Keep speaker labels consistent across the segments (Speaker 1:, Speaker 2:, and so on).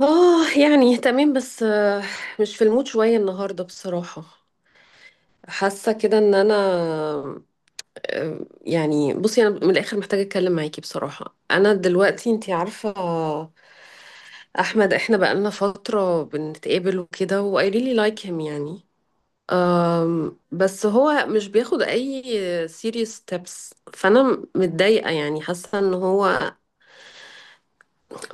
Speaker 1: اه، يعني تمام بس مش في المود شوية النهاردة بصراحة. حاسة كده ان انا. يعني بصي، انا من الاخر محتاجة اتكلم معاكي بصراحة. انا دلوقتي انتي عارفة، احمد، احنا بقالنا فترة بنتقابل وكده، و I really like him يعني. بس هو مش بياخد اي serious steps. فانا متضايقة، يعني حاسة ان هو.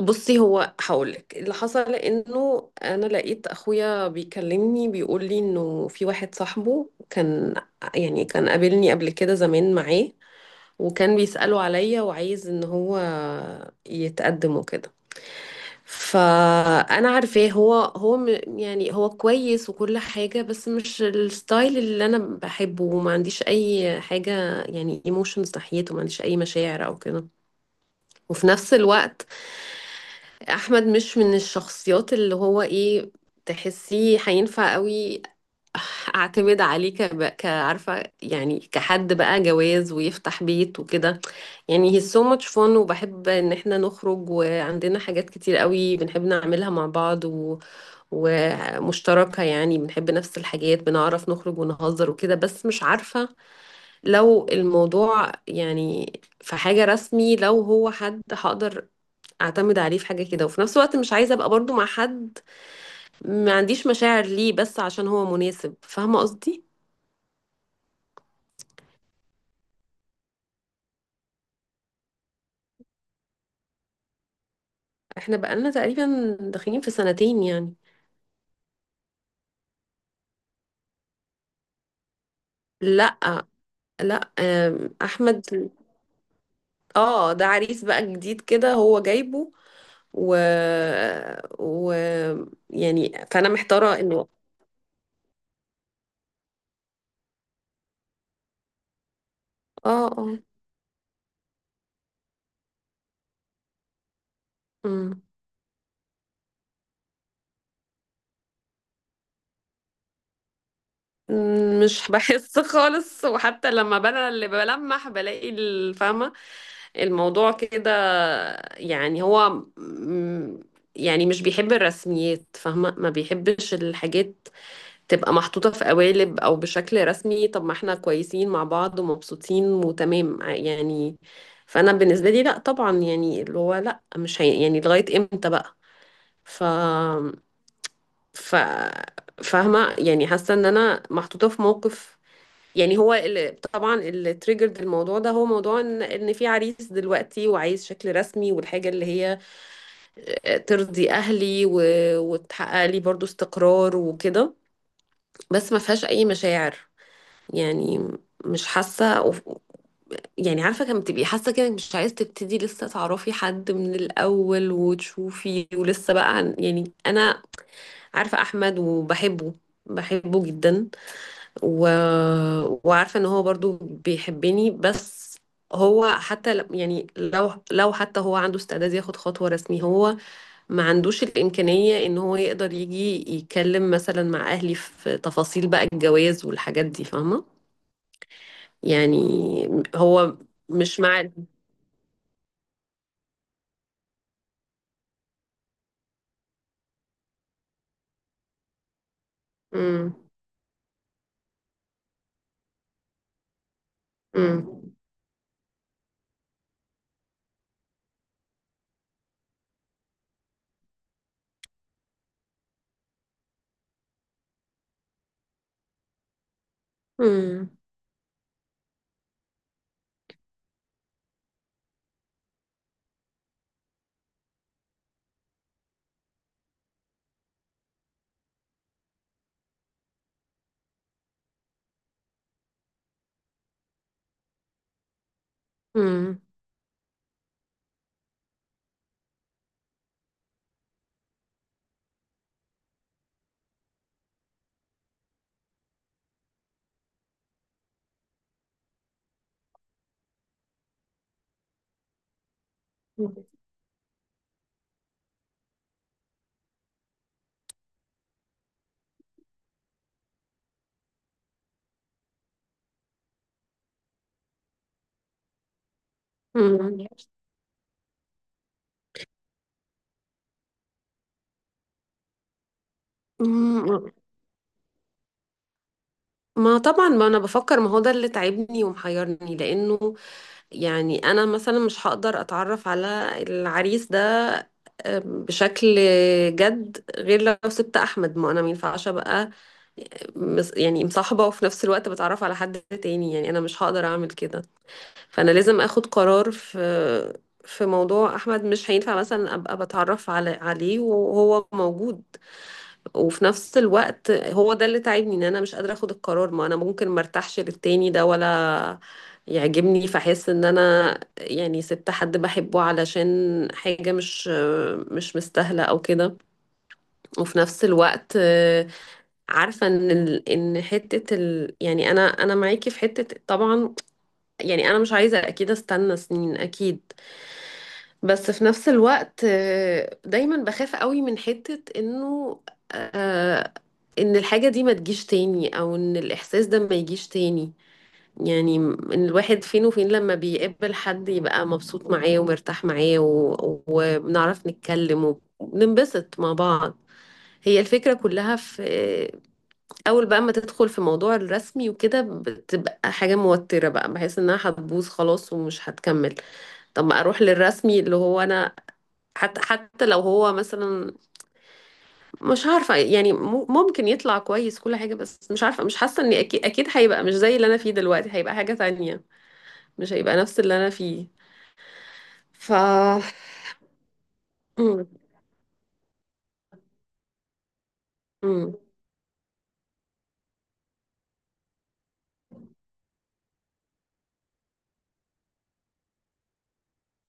Speaker 1: بصي، هو هقولك اللي حصل، انه انا لقيت اخويا بيكلمني بيقول لي انه في واحد صاحبه كان، يعني كان قابلني قبل كده زمان معاه، وكان بيسأله عليا وعايز ان هو يتقدم وكده. فانا عارفاه، يعني هو كويس وكل حاجة، بس مش الستايل اللي انا بحبه، وما عنديش اي حاجة يعني ايموشنز ناحيته، ما عنديش اي مشاعر او كده. وفي نفس الوقت احمد مش من الشخصيات اللي هو ايه، تحسيه هينفع قوي اعتمد عليه كعارفه، يعني كحد بقى جواز ويفتح بيت وكده. يعني he's so much fun، وبحب ان احنا نخرج، وعندنا حاجات كتير قوي بنحب نعملها مع بعض و... ومشتركه، يعني بنحب نفس الحاجات، بنعرف نخرج ونهزر وكده. بس مش عارفه، لو الموضوع يعني في حاجه رسمي، لو هو حد هقدر اعتمد عليه في حاجة كده. وفي نفس الوقت مش عايزة ابقى برضو مع حد ما عنديش مشاعر ليه، بس عشان هو مناسب، فاهمة قصدي. احنا بقالنا تقريبا داخلين في سنتين يعني. لا، لا، احمد. اه، ده عريس بقى جديد كده هو جايبه. و... و يعني فانا محتارة انه. اه، اه. أمم. مش بحس خالص، وحتى لما انا اللي بلمح بلاقي الفاهمة الموضوع كده. يعني هو م- يعني مش بيحب الرسميات، فاهمة. ما بيحبش الحاجات تبقى محطوطة في قوالب او بشكل رسمي. طب ما احنا كويسين مع بعض ومبسوطين وتمام، يعني فانا بالنسبة لي لا طبعا، يعني اللي هو لا، مش هي، يعني لغاية امتى بقى. ف ف فاهمة، يعني حاسة ان انا محطوطة في موقف. يعني هو طبعا اللي تريجرد الموضوع ده، هو موضوع ان في عريس دلوقتي وعايز شكل رسمي، والحاجه اللي هي ترضي اهلي و... وتحقق لي برضو استقرار وكده، بس ما فيهاش اي مشاعر. يعني مش حاسه أو... يعني عارفه كم تبقي حاسه كده إنك مش عايز تبتدي لسه تعرفي حد من الاول وتشوفي، ولسه بقى يعني انا عارفه احمد وبحبه، بحبه جدا. و... وعارفة ان هو برضو بيحبني، بس هو حتى يعني لو حتى هو عنده استعداد ياخد خطوة رسمية، هو ما عندوش الإمكانية ان هو يقدر يجي يتكلم مثلا مع أهلي في تفاصيل بقى الجواز والحاجات دي، فاهمة. يعني هو مش مع. مم. مم. مم. مم. مم. مم. ما طبعا، ما انا بفكر. ما هو ده اللي تعبني ومحيرني، لانه يعني انا مثلا مش هقدر اتعرف على العريس ده بشكل جد، غير لو سبت احمد. ما انا مينفعش ابقى يعني مصاحبه وفي نفس الوقت بتعرف على حد تاني، يعني انا مش هقدر اعمل كده. فانا لازم اخد قرار في موضوع احمد. مش هينفع مثلا ابقى بتعرف عليه وهو موجود، وفي نفس الوقت هو ده اللي تعبني، ان انا مش قادره اخد القرار. ما انا ممكن مرتاحش للتاني ده ولا يعجبني، فاحس ان انا يعني سبت حد بحبه علشان حاجه مش مستاهله او كده. وفي نفس الوقت عارفه ان ال- ان حته ال يعني انا معاكي في حته طبعا. يعني انا مش عايزه اكيد استنى سنين، اكيد. بس في نفس الوقت دايما بخاف قوي من حتة انه آه، ان الحاجة دي ما تجيش تاني، او ان الاحساس ده ما يجيش تاني. يعني ان الواحد فين وفين، لما بيقابل حد يبقى مبسوط معاه ومرتاح معاه، و- وبنعرف نتكلم وبننبسط مع بعض. هي الفكرة كلها في اول بقى ما تدخل في موضوع الرسمي وكده، بتبقى حاجة موترة بقى، بحس انها هتبوظ خلاص ومش هتكمل. طب ما اروح للرسمي اللي هو انا حتى لو هو مثلا مش عارفة يعني ممكن يطلع كويس كل حاجة، بس مش عارفة، مش حاسة اني اكيد، اكيد هيبقى مش زي اللي انا فيه دلوقتي. هيبقى حاجة تانية، مش هيبقى نفس اللي انا فيه. ف امم. امم.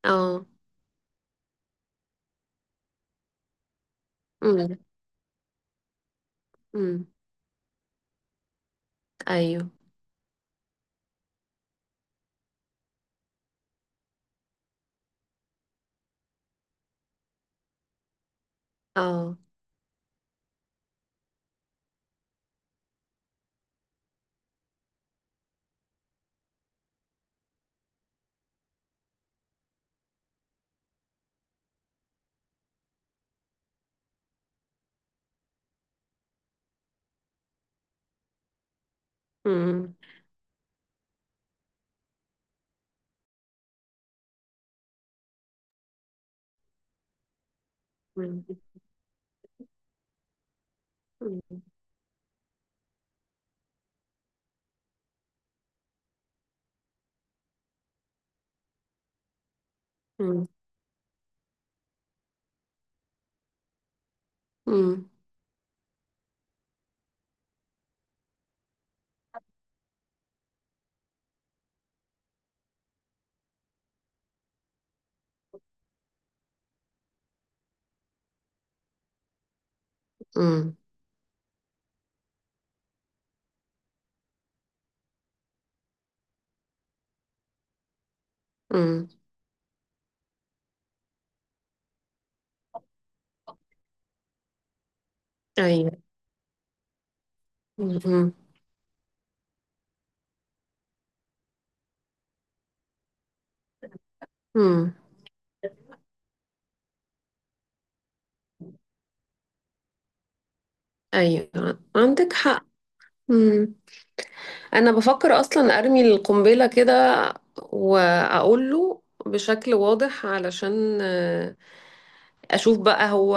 Speaker 1: اه. امم. امم. ايوه. اه. امم. امم. امم. امم. امم. امم. ايوه. امم. امم. ايوه، عندك حق. مم. انا بفكر اصلا ارمي القنبله كده، واقول له بشكل واضح علشان اشوف بقى هو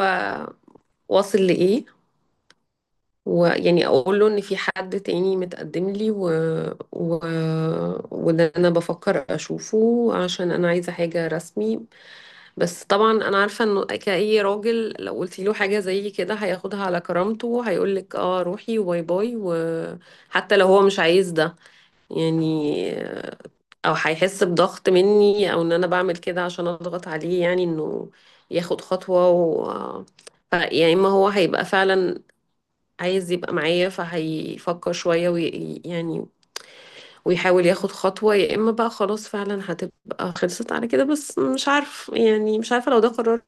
Speaker 1: واصل لايه. ويعني اقول له ان في حد تاني متقدم لي و... و... وده انا بفكر اشوفه عشان انا عايزه حاجه رسمي. بس طبعا انا عارفه انه كأي راجل، لو قلتي له حاجه زي كده هياخدها على كرامته، هيقول لك اه روحي وباي باي، وحتى لو هو مش عايز ده يعني، او هيحس بضغط مني او ان انا بعمل كده عشان اضغط عليه، يعني انه ياخد خطوة. و يا اما هو هيبقى فعلا عايز يبقى معايا، فهيفكر شوية وي... يعني ويحاول ياخد خطوة، يا اما بقى خلاص فعلا هتبقى خلصت على كده. بس مش عارف، يعني مش عارفة لو ده قرار،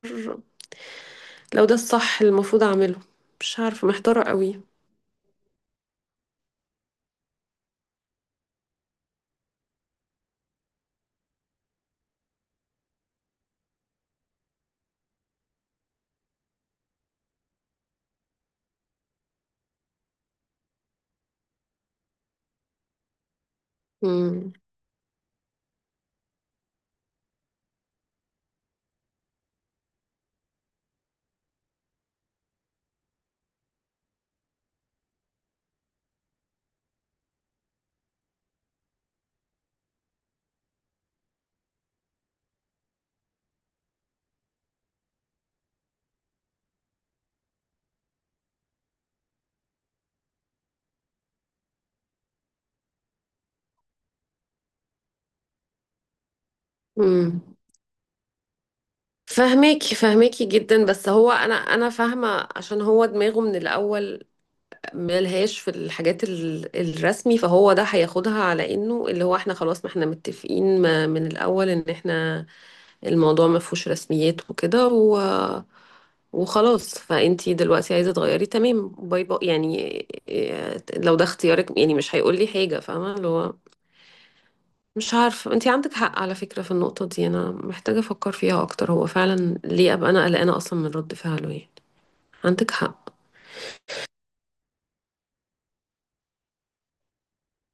Speaker 1: لو ده الصح اللي المفروض اعمله، مش عارفة، محتارة قوي. امم. امم. فهماكي، فهماكي جدا، بس هو انا فاهمه عشان هو دماغه من الاول ملهاش في الحاجات الرسمي، فهو ده هياخدها على انه اللي هو احنا خلاص، ما احنا متفقين من الاول ان احنا الموضوع ما فيهوش رسميات وكده و... وخلاص، فانتي دلوقتي عايزة تغيري تمام، باي باي يعني. لو ده اختيارك يعني مش هيقول لي حاجة، فاهمة اللي هو، مش عارفة. انتي عندك حق على فكرة في النقطة دي، انا محتاجة افكر فيها اكتر، هو فعلا ليه ابقى انا قلقانة اصلا من رد فعله يعني. عندك حق.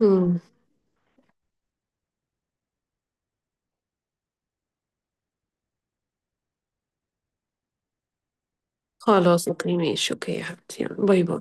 Speaker 1: مم. خلاص، اوكي، ماشي، اوكي يا حبيبتي، باي باي.